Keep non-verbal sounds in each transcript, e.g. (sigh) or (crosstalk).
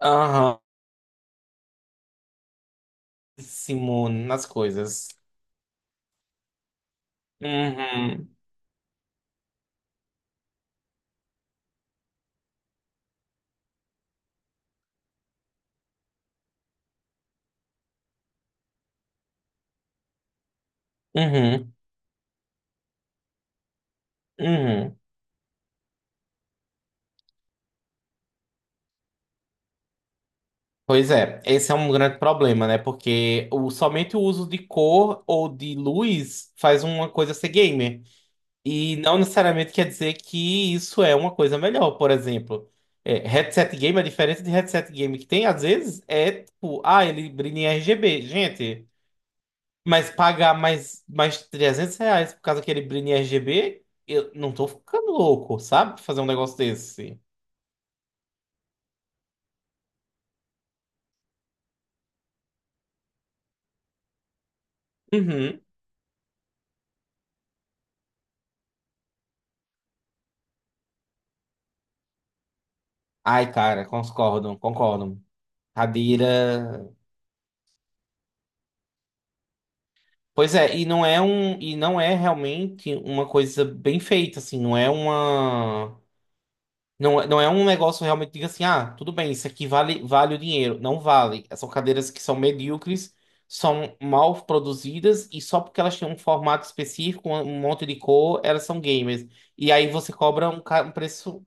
Aham, Simone, nas coisas. Uhum, uhum, uhum. Pois é, esse é um grande problema, né? Porque o, somente o uso de cor ou de luz faz uma coisa ser gamer. E não necessariamente quer dizer que isso é uma coisa melhor. Por exemplo, headset game, a diferença de headset game que tem, às vezes, é tipo, ah, ele brilha em RGB. Gente. Mas pagar mais R$ 300 por causa daquele brilho RGB, eu não tô ficando louco, sabe? Fazer um negócio desse. Uhum. Ai, cara, concordo, concordo. Cadeira. Pois é, e não é um, e não é realmente uma coisa bem feita, assim, não é uma. Não, não é um negócio realmente, diga assim, ah, tudo bem, isso aqui vale, vale o dinheiro. Não vale. São cadeiras que são medíocres, são mal produzidas e só porque elas têm um formato específico, um monte de cor, elas são gamers. E aí você cobra um, um preço.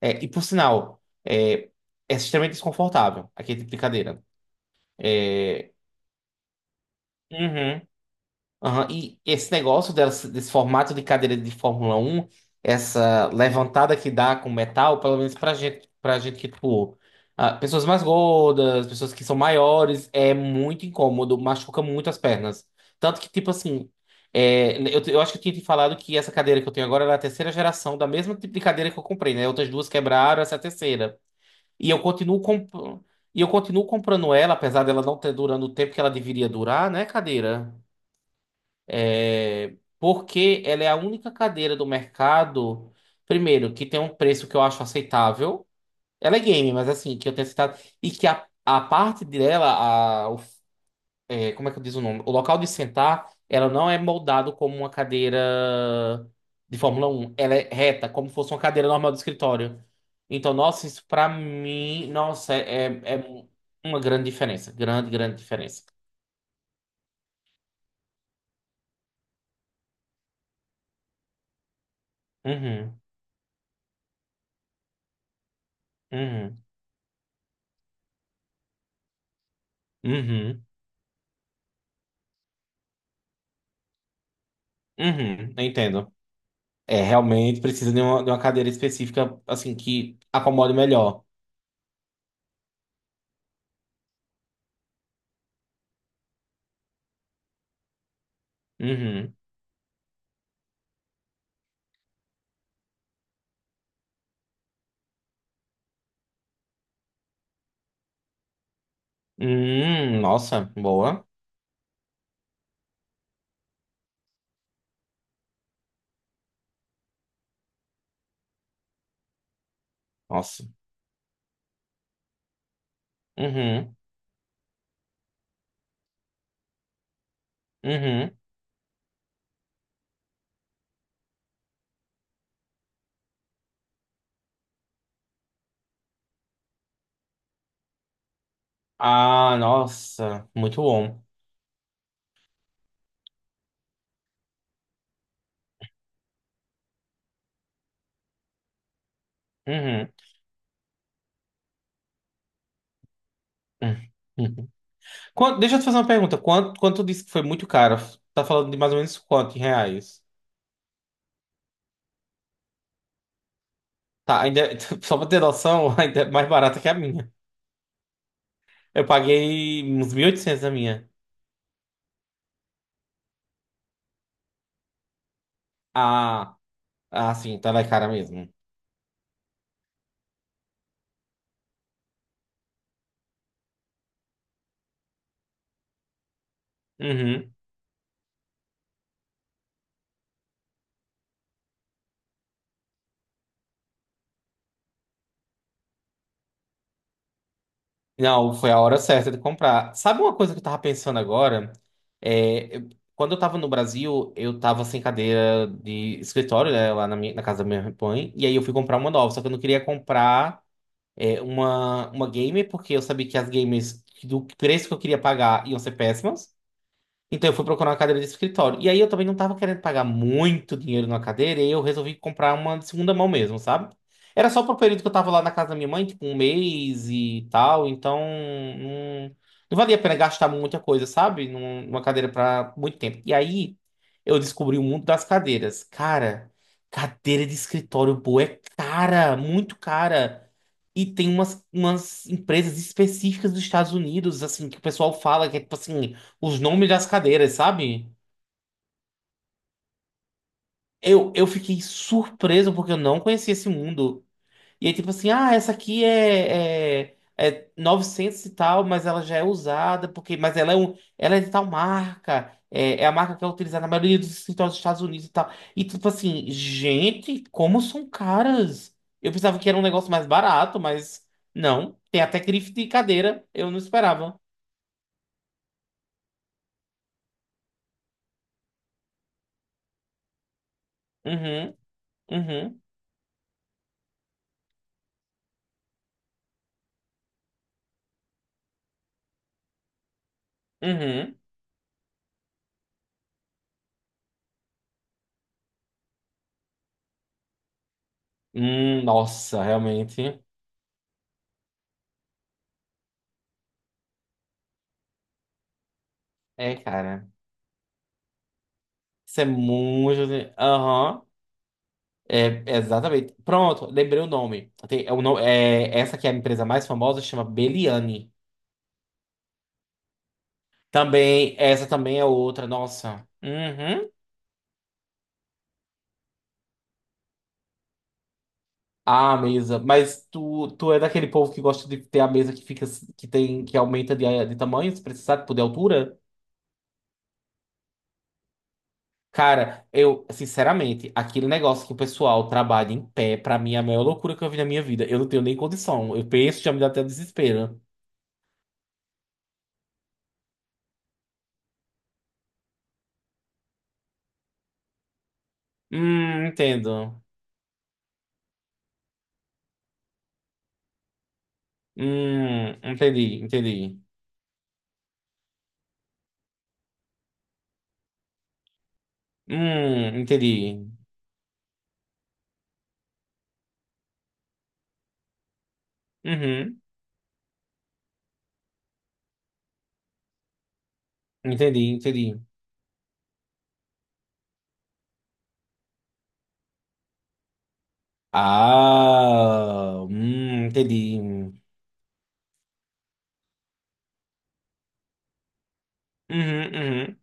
É, e por sinal, é extremamente desconfortável aquele tipo de cadeira. É, uhum. Aham. E esse negócio desse formato de cadeira de Fórmula 1, essa levantada que dá com metal, pelo menos pra gente que, tipo, ah, pessoas mais gordas, pessoas que são maiores, é muito incômodo, machuca muito as pernas. Tanto que, tipo assim, eu acho que eu tinha te falado que essa cadeira que eu tenho agora era a terceira geração da mesma tipo de cadeira que eu comprei, né? Outras duas quebraram, essa é a terceira. E eu continuo comp... E eu continuo comprando ela, apesar dela não ter durando o tempo que ela deveria durar, né, cadeira? É, porque ela é a única cadeira do mercado, primeiro, que tem um preço que eu acho aceitável. Ela é game, mas assim, que eu tenho aceitado. E que a parte dela, a, o- como é que eu diz o nome? O local de sentar, ela não é moldado como uma cadeira de Fórmula 1. Ela é reta, como fosse uma cadeira normal do escritório. Então, nossa, isso pra mim, nossa, é, é é uma grande diferença. Grande, grande diferença. Uhum, uhum, uhum, uhum. Entendo. É, realmente precisa de uma, cadeira específica, assim, que acomode melhor. Uhum. Nossa, boa. Nossa. Uhum. Uhum. Ah, nossa, muito bom. Uhum. Uhum. Deixa eu te fazer uma pergunta. Quanto tu disse que foi muito caro? Tá falando de mais ou menos quanto em reais? Tá, ainda, (laughs) só pra ter noção, (laughs) ainda é mais barata que a minha. Eu paguei uns 1.800 a minha. Ah, ah, sim, tá lá cara mesmo. Uhum. Não, foi a hora certa de comprar. Sabe uma coisa que eu tava pensando agora? É, quando eu tava no Brasil, eu tava sem cadeira de escritório, né, lá na casa da minha mãe, e aí eu fui comprar uma nova, só que eu não queria comprar uma gamer, porque eu sabia que as gamers do preço que eu queria pagar iam ser péssimas. Então eu fui procurar uma cadeira de escritório. E aí eu também não tava querendo pagar muito dinheiro numa cadeira, e eu resolvi comprar uma de segunda mão mesmo, sabe? Era só pro período que eu tava lá na casa da minha mãe, tipo um mês e tal, então não, não valia a pena gastar muita coisa, sabe? Numa cadeira pra muito tempo. E aí eu descobri o mundo das cadeiras. Cara, cadeira de escritório boa é cara, muito cara. E tem umas empresas específicas dos Estados Unidos, assim, que o pessoal fala que é tipo assim os nomes das cadeiras, sabe? Eu fiquei surpreso porque eu não conhecia esse mundo. E aí, tipo assim, ah, essa aqui é, é 900 e tal, mas ela já é usada, porque, mas ela é, ela é de tal marca, é a marca que é utilizada na maioria dos escritórios dos Estados Unidos e tal. E tipo assim, gente, como são caras? Eu pensava que era um negócio mais barato, mas não. Tem até grife de cadeira, eu não esperava. Uhum, uhum, uhum. Nossa, realmente. É, cara. Isso é muito. Aham. É, exatamente. Pronto, lembrei o nome. Tem, é, o no- é, essa que é a empresa mais famosa chama Beliane. Também, essa também é outra, nossa. Uhum. Ah, a mesa. Mas tu é daquele povo que gosta de ter a mesa que fica, que tem, que aumenta de tamanho, se precisar, tipo, de altura? Cara, eu, sinceramente, aquele negócio que o pessoal trabalha em pé, pra mim é a maior loucura que eu vi na minha vida. Eu não tenho nem condição. Eu penso, já me dá até desespero. Entendo. Entendi, entendi. Entendi. Uhum, entendi, entendi. Ah, entendi. Uhum, uhum.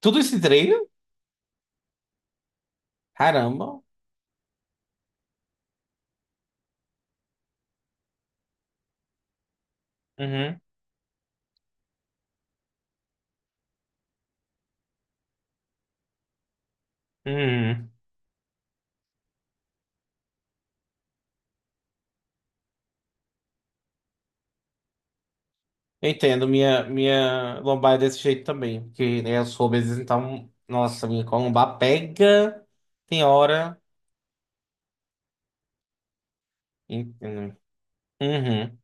Tudo esse treino? Caramba. Uhum, uhum. Eu entendo, minha lombar é desse jeito também, porque né, eu sou obeso, então, nossa, minha lombar pega, tem hora. Entendo. Uhum.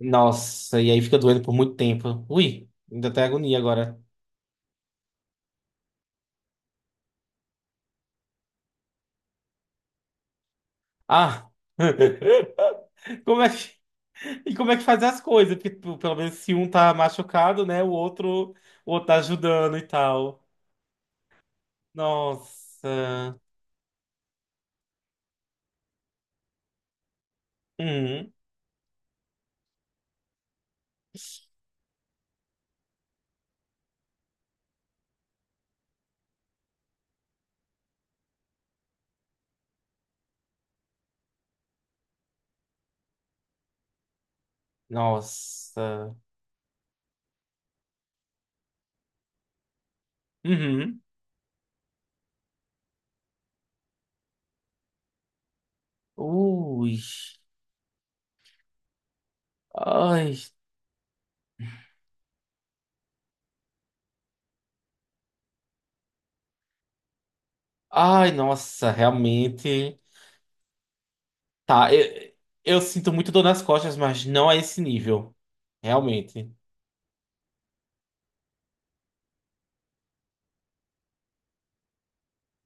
Nossa, e aí fica doendo por muito tempo. Ui, ainda tem agonia agora. Ah! (laughs) Como é que, como é que faz as coisas? Porque, tipo, pelo menos se um tá machucado, né? O outro tá ajudando e tal. Nossa. Uhum. Nossa. Uhum. Ui. Ai. Ai, nossa, realmente. Tá, eu sinto muito dor nas costas, mas não a esse nível. Realmente.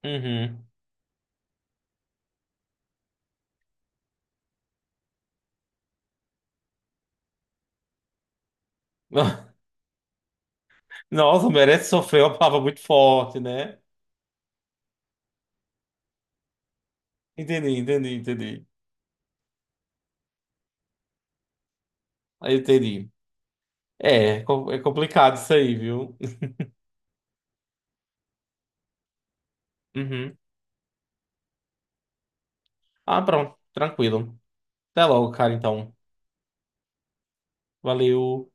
Uhum. (laughs) Nossa, merece sofrer uma palavra muito forte, né? Entendi, entendi, entendi. Aí eu entendi. É, é complicado isso aí, viu? (laughs) Uhum. Ah, pronto. Tranquilo. Até logo, cara, então. Valeu.